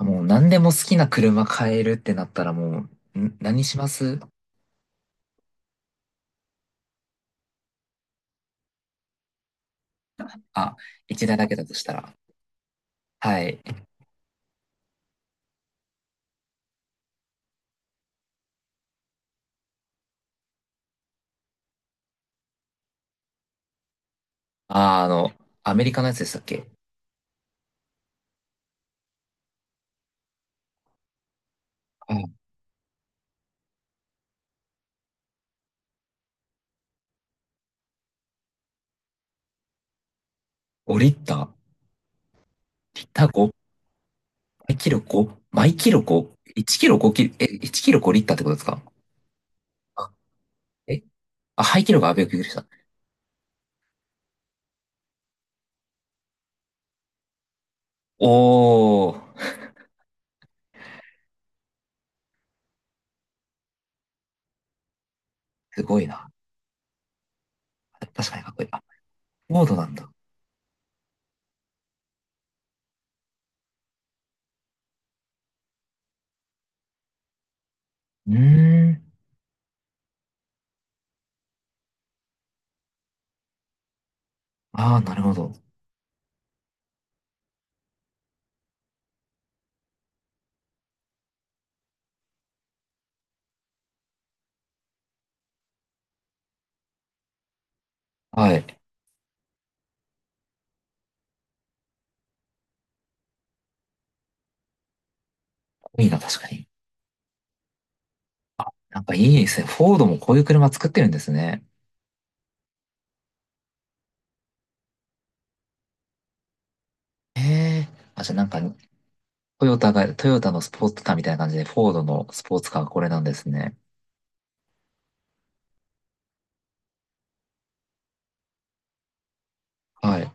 もう何でも好きな車買えるってなったらもう、何します？あ、一台だけだとしたら。はい。あー、あの、アメリカのやつでしたっけ？あ、5リッター。 5？ 毎キロ 5？ 毎キロ 5?1 キロ5キロ、1キロ5リッターってことですか？あ、えあ、排気量がアベびっくりした。おー、すごいな。確かにかっこいい。あ、フォードなんだ。うーん。ああ、なるほど。はい。いいな、確かに。なんかいいですね。フォードもこういう車作ってるんですね。へえ。あ、じゃあなんか、トヨタのスポーツカーみたいな感じで、フォードのスポーツカーがこれなんですね。はい。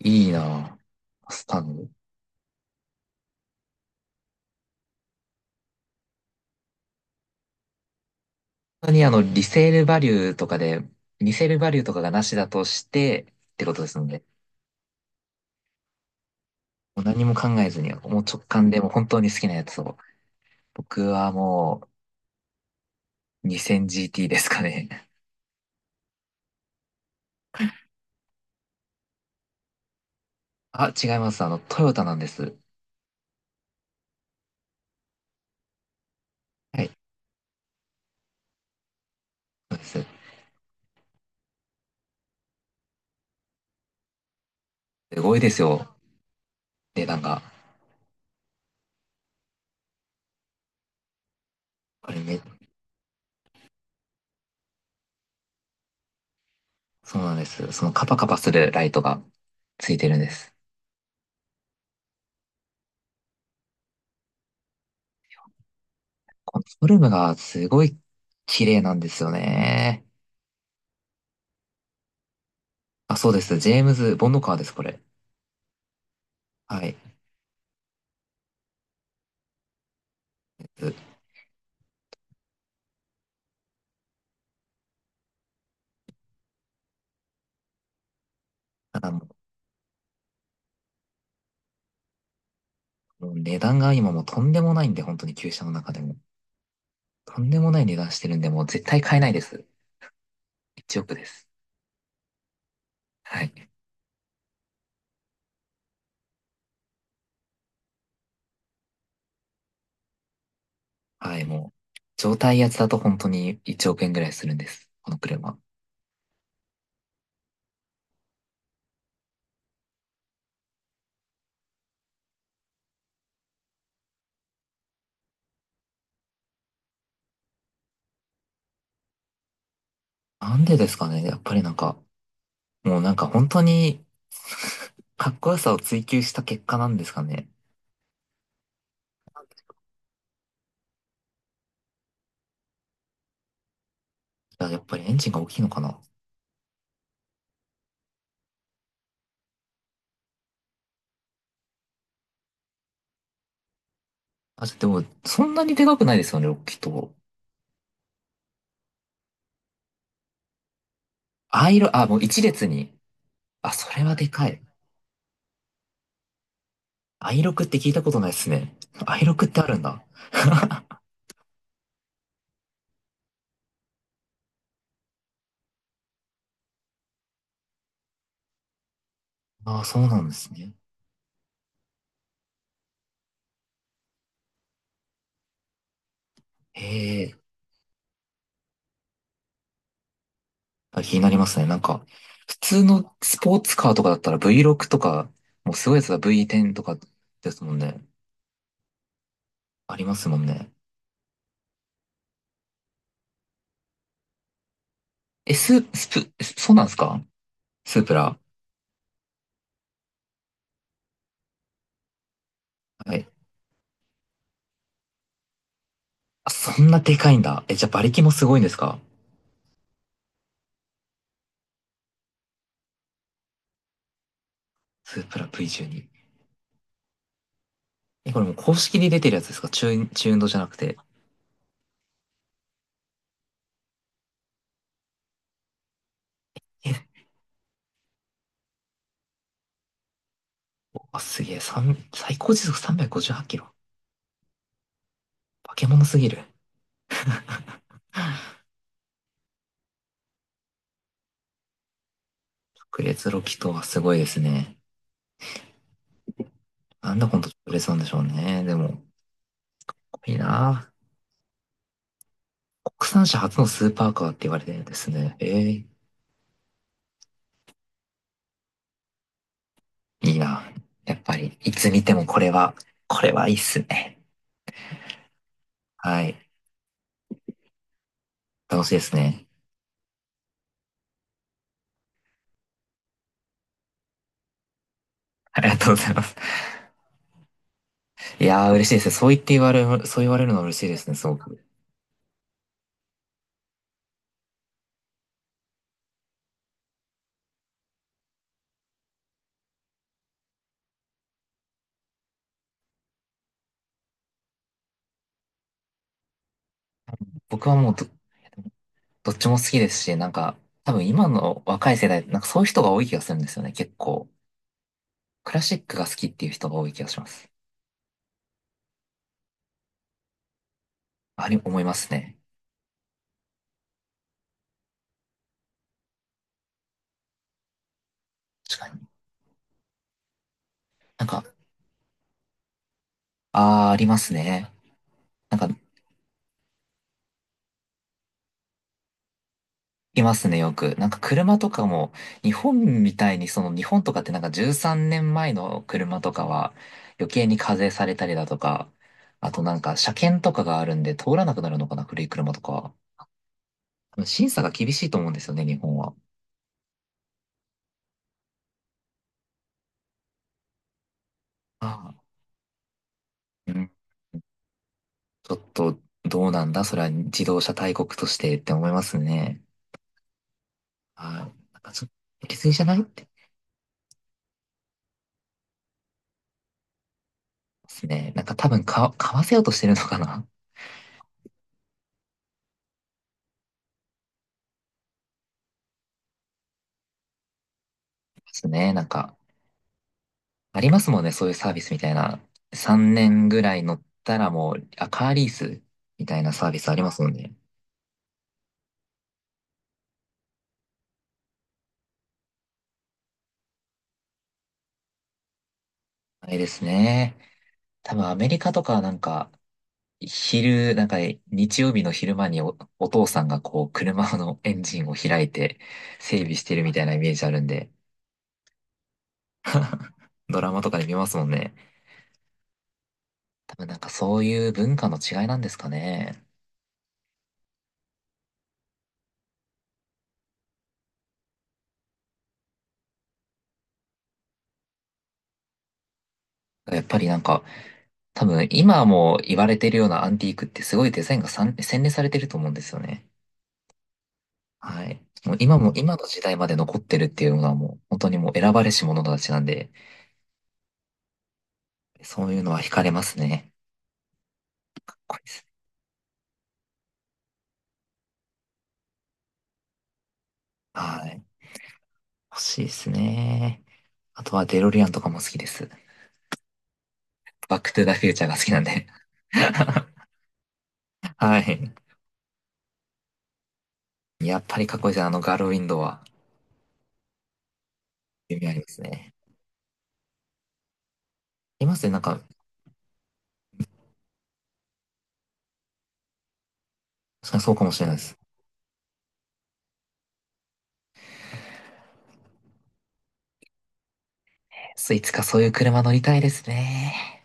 いいなぁ。スタンド。本当にリセールバリューとかがなしだとして、ってことですので、もう何も考えずに、もう直感でもう本当に好きなやつを。僕はもう 2000GT ですかね。あ、違います。トヨタなんです。はい。そうです。すごいですよ。値段が。これめっそうなんです。そのカパカパするライトがついてるんです。このフォルムがすごい綺麗なんですよね。あ、そうです。ジェームズ・ボンドカーです、これ。はい。です。ただもう値段が今もうとんでもないんで、本当に旧車の中でも。とんでもない値段してるんで、もう絶対買えないです。1億です。はい。はい、もう、状態やつだと本当に1億円ぐらいするんです。この車。なんでですかね。やっぱりなんか、もうなんか本当に かっこよさを追求した結果なんですかね。いや、やっぱりエンジンが大きいのかな。あ、でも、そんなにでかくないですよね、ロッキーと。あ、もう一列に。あ、それはでかい。i6 って聞いたことないですね。i6 ってあるんだ。ああ、そうなんですね。へえ。あ、気になりますね。なんか、普通のスポーツカーとかだったら V6 とか、もうすごいやつだ V10 とかですもんね。ありますもんね。え、ス、スプ、そうなんですか？スープラ。はい。あ、そんなでかいんだ。じゃあ馬力もすごいんですか？スープラ V12。これもう公式に出てるやつですか？中運動じゃなくて。え、あ、すげえ。最高時速358キロ。化け物すぎる。直列ロキとはすごいですね。なんだこの直列なんでしょうね。でも、いいな。国産車初のスーパーカーって言われてるんですね。いいな。やっぱり、いつ見てもこれはいいっすね。はい。楽しいですね。ありがとうございます。いやー、嬉しいですね。そう言って言われる、そう言われるのは嬉しいですね、すごく。僕はもうどっちも好きですし、なんか、多分今の若い世代、なんかそういう人が多い気がするんですよね、結構。クラシックが好きっていう人が多い気がします。思いますね。確かに。なんか、ありますね。なんか、いますね、よく。なんか車とかも、日本みたいに、その日本とかってなんか13年前の車とかは、余計に課税されたりだとか、あとなんか車検とかがあるんで通らなくなるのかな、古い車とかは。あの審査が厳しいと思うんですよね、日本は。ああ、うん。ちょっと、どうなんだそれは自動車大国としてって思いますね。はい。なんかちょっと、行き過ぎじゃないって思いますね。なんか多分買わせようとしてるのかなですね。なんか、ありますもんね、そういうサービスみたいな。3年ぐらい乗ったらもう、あ、カーリースみたいなサービスありますもんね。あれですね。多分アメリカとかなんか、なんかね日曜日の昼間にお父さんがこう車のエンジンを開いて整備してるみたいなイメージあるんで、ドラマとかで見ますもんね。多分なんかそういう文化の違いなんですかね。やっぱりなんか多分今も言われてるようなアンティークってすごいデザインが洗練されてると思うんですよね。はい。もう今の時代まで残ってるっていうのはもう本当にもう選ばれし者たちなんで、そういうのは惹かれますね。かっこいいですね。はい。欲しいですね。あとはデロリアンとかも好きです。バックトゥザフューチャーが好きなんで。はい。やっぱりかっこいいですね。あのガールウィンドウは夢ありますね。いますね。なんか、確かにそうかもしれないです。いつかそういう車乗りたいですね。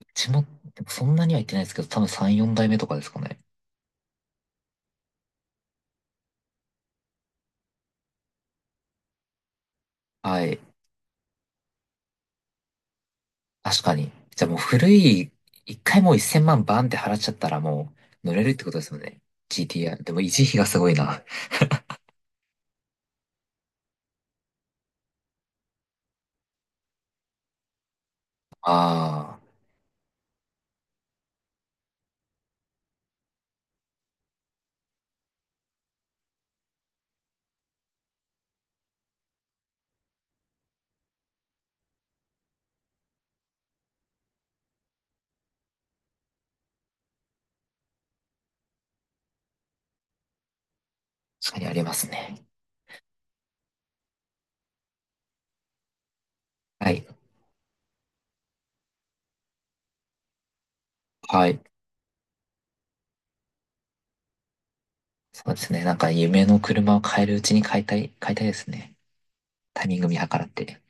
うちも、でもそんなには行ってないですけど、多分3、4代目とかですかね。はい。確かに。じゃあもう古い、一回もう1000万バンって払っちゃったらもう乗れるってことですよね。GTR。でも維持費がすごいな。ああ、確かにありますね。はい。はい。そうですね。なんか夢の車を買えるうちに買いたい、買いたいですね。タイミング見計らって。